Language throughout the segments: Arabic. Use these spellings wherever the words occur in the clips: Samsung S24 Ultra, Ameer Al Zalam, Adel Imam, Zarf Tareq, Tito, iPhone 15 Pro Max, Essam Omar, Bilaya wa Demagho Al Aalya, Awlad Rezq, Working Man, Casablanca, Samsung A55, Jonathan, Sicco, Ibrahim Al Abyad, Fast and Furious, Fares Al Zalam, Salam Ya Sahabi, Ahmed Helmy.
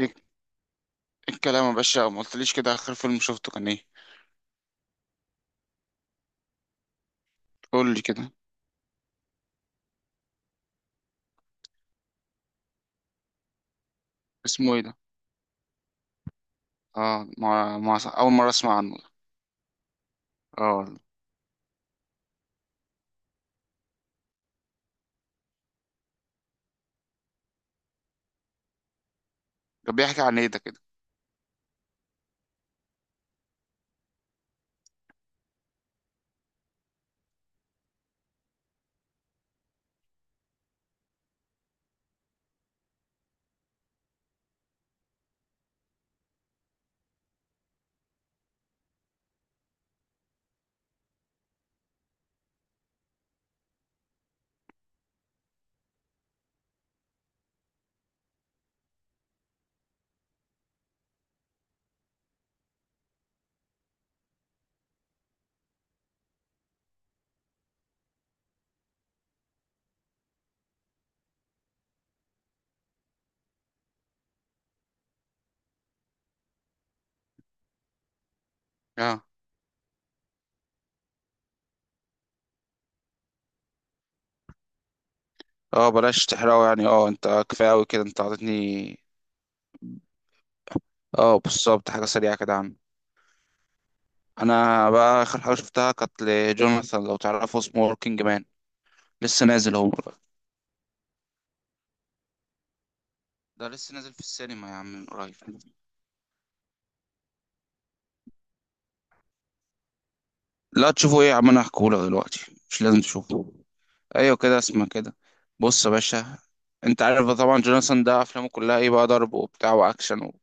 ايه إيه الكلام يا باشا، ما قلتليش كده. اخر فيلم شفته كان ايه؟ قول لي كده. اسمه ايه ده؟ اه، ما اول مره اسمع عنه ده. اه. ده بيحكي عن ايه ده كده؟ اه. اه، بلاش تحرقه يعني، اه انت كفايه قوي كده، انت عطيتني. اه، بالظبط، حاجه سريعه كده عنه. انا بقى اخر حاجه شفتها كانت لجوناثان، لو تعرفه، اسمه وركينج مان. لسه نازل هو بقى. ده لسه نازل في السينما يا عم من قريب. لا تشوفه ايه يا عم، انا هحكيهولك دلوقتي، مش لازم تشوفه. ايوه كده، اسمها كده. بص يا باشا، انت عارف بقى طبعا جوناثان ده افلامه كلها ايه بقى، ضرب وبتاع واكشن و...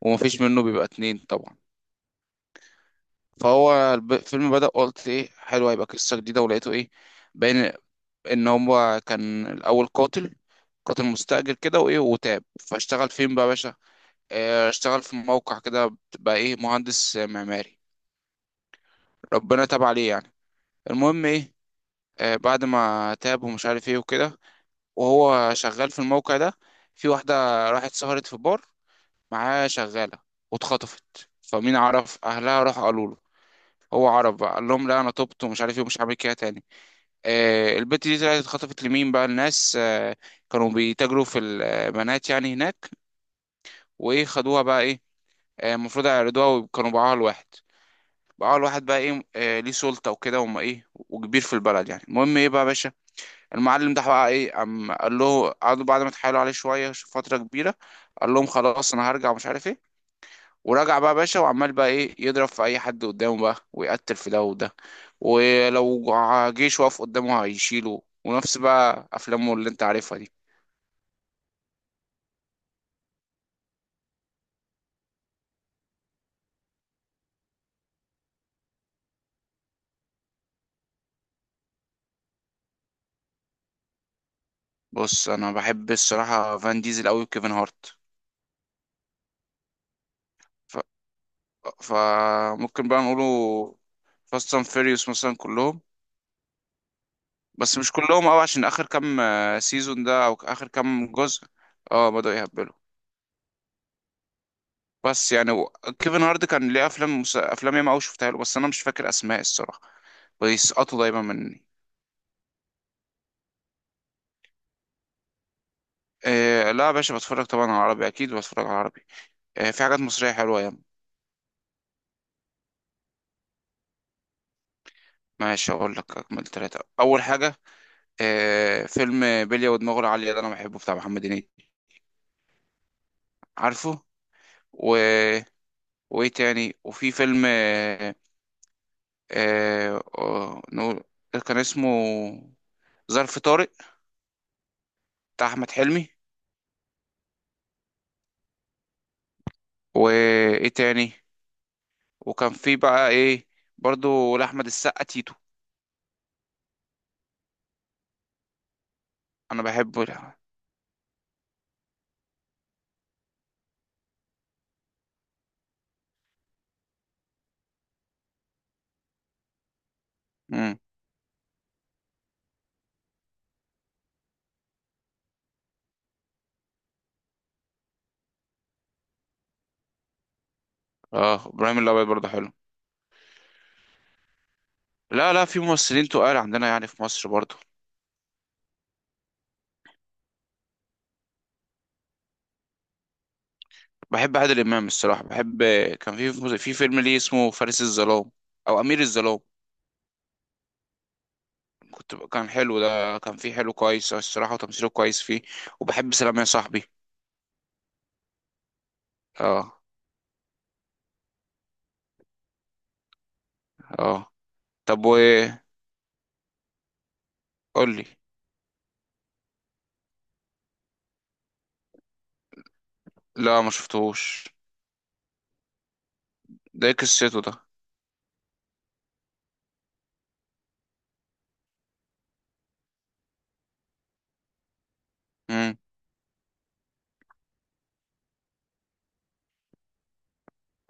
ومفيش منه بيبقى اتنين طبعا. فهو الفيلم بدأ، قلت ايه حلو، هيبقى قصة جديدة، ولقيته ايه، باين ان هو كان الاول قاتل. قاتل مستأجر كده، وايه، وتاب فاشتغل فين بقى يا باشا؟ اه، اشتغل في موقع كده بقى ايه، مهندس معماري. ربنا تاب عليه يعني. المهم ايه، اه، بعد ما تاب ومش عارف ايه وكده، وهو شغال في الموقع ده، في واحدة راحت سهرت في بار، معاه شغالة، واتخطفت، فمين عرف أهلها راحوا قالوا له. هو عرف بقى، قال لهم لا أنا تبت ومش عارف إيه ومش هعمل كده تاني. البت دي طلعت اتخطفت لمين بقى الناس؟ كانوا بيتاجروا في البنات يعني هناك. وإيه، خدوها بقى إيه، المفروض يعرضوها، وكانوا باعوها لواحد. باعوها لواحد بقى إيه، ليه سلطة وكده، وما إيه، وكبير في البلد يعني. المهم إيه بقى يا باشا، المعلم ده بقى ايه، قام قال له، قعدوا بعد ما اتحايلوا عليه شويه فتره كبيره. قال لهم خلاص انا هرجع ومش عارف ايه. ورجع بقى باشا، وعمال بقى ايه يضرب في اي حد قدامه بقى، ويقتل في ده وده. ولو جيش واقف قدامه هيشيله. ونفس بقى افلامه اللي انت عارفها دي. بص، انا بحب الصراحه فان ديزل قوي، وكيفن هارت. ف... فممكن بقى نقوله فاست اند فيريوس مثلا، كلهم. بس مش كلهم قوي، عشان اخر كام سيزون ده او اخر كام جزء. اه بدأوا يهبلوا. بس يعني كيفن هارد كان ليه افلام افلام ياما قوي شفتها له، بس انا مش فاكر اسماء الصراحه، بيسقطوا دايما مني. إيه لا يا باشا، بتفرج طبعا على عربي، اكيد بتفرج على عربي. إيه في حاجات مصريه حلوه ياما. ماشي اقول لك اكمل ثلاثه، اول حاجه إيه، فيلم بلية ودماغه العاليه ده، انا بحبه، بتاع محمد هنيدي. عارفه. و... وايه تاني، وفي فيلم إيه، إيه نقول كان اسمه ظرف طارق، بتاع احمد حلمي. وايه تاني، وكان في بقى ايه، برضو لأحمد السقا، تيتو. انا بحبه ده. امم. اه ابراهيم الابيض برضو حلو. لا لا، في ممثلين تقال عندنا يعني في مصر برضو. بحب عادل امام الصراحه، بحب. كان في فيلم ليه اسمه فارس الظلام، او امير الظلام. كان حلو ده، كان فيه حلو كويس الصراحه، وتمثيله كويس فيه. وبحب سلام يا صاحبي. اه. اه. طب وايه، قول لي. لا ما شفتهوش. ده إيه قصته ده؟ امم.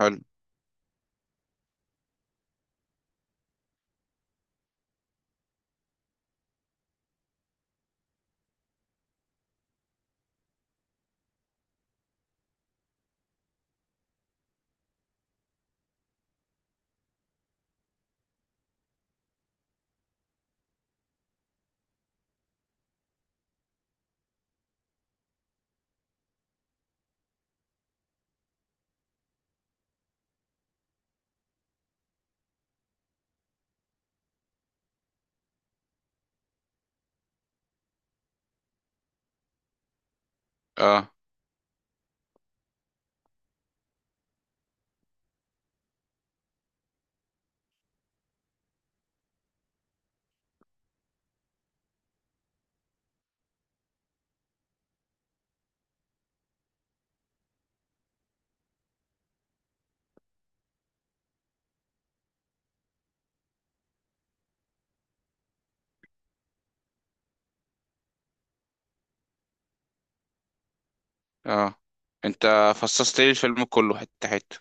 حلو. اه. اه، انت فصصت لي الفيلم كله حتة حتة.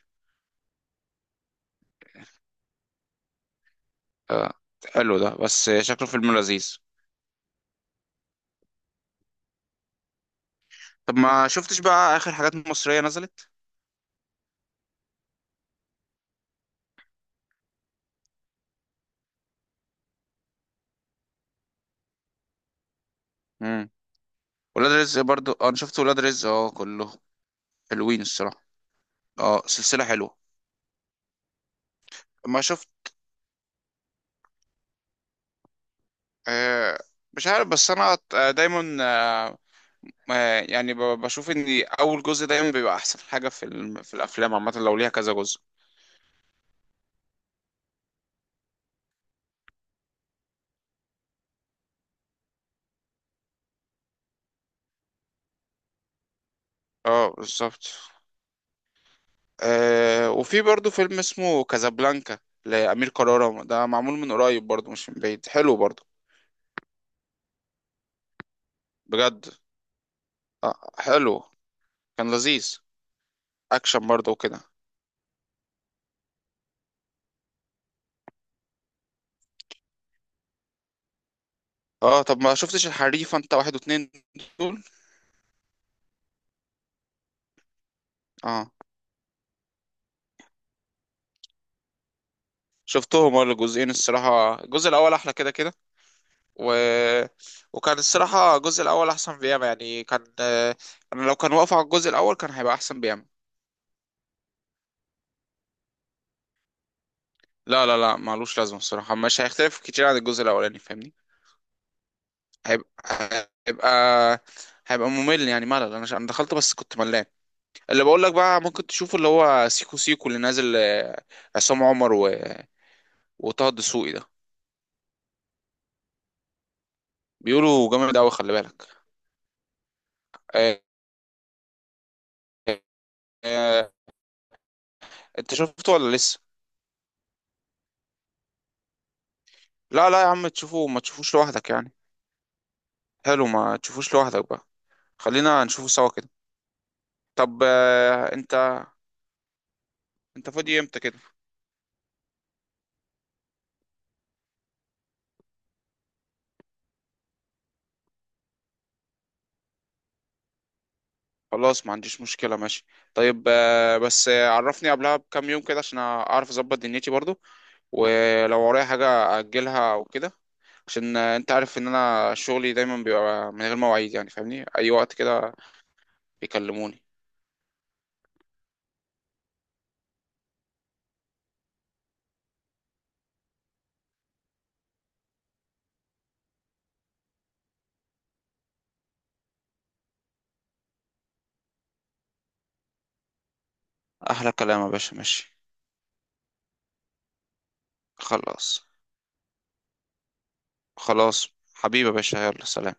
اه، حلو ده، بس شكله فيلم لذيذ. طب ما شفتش بقى اخر حاجات مصرية نزلت؟ امم. ولاد رزق برضو، اه، انا شفت ولاد رزق اه، كله. حلوين الصراحة. اه سلسلة حلوة. ما شفت. آه. مش عارف، بس انا دايما يعني بشوف ان اول جزء دايما بيبقى احسن حاجة في الافلام عامة، لو ليها كذا جزء. اه بالظبط. وفي برضو فيلم اسمه كازابلانكا، لأمير كرارة، ده معمول من قريب برضو، مش من بعيد، حلو برضو. بجد. آه حلو، كان لذيذ، أكشن برضو وكده. اه، طب ما شفتش الحريفة انت، واحد واتنين دول؟ اه شفتهم، اه الجزئين الصراحة، الجزء الأول أحلى كده كده. و... وكان الصراحة الجزء الأول أحسن بياما يعني، كان. أنا لو كان واقف على الجزء الأول كان هيبقى أحسن بياما. لا لا لا، معلوش لازمة الصراحة، مش هيختلف كتير عن الجزء الأولاني، فاهمني؟ هيبقى هيبقى هيبقى ممل يعني، ملل. انا دخلت بس كنت ملان. اللي بقول لك بقى ممكن تشوفه اللي هو سيكو سيكو اللي نازل، عصام عمر و... وطه الدسوقي ده، بيقولوا جامد قوي خلي بالك. آه، آه، انت شفته ولا لسه؟ لا لا يا عم تشوفه، ما تشوفوش لوحدك يعني. حلو، ما تشوفوش لوحدك بقى. خلينا نشوفه سوا كده. طب انت فاضي امتى كده؟ خلاص ما عنديش مشكلة، ماشي. طيب بس عرفني قبلها بكام يوم كده، عشان اعرف اظبط دنيتي برضو، ولو ورايا حاجة أجلها أو كده. عشان أنت عارف إن أنا شغلي دايما بيبقى من غير مواعيد يعني، فاهمني، أي وقت كده بيكلموني. أحلى كلام يا باشا، ماشي. خلاص. خلاص. حبيبي يا باشا، يلا سلام.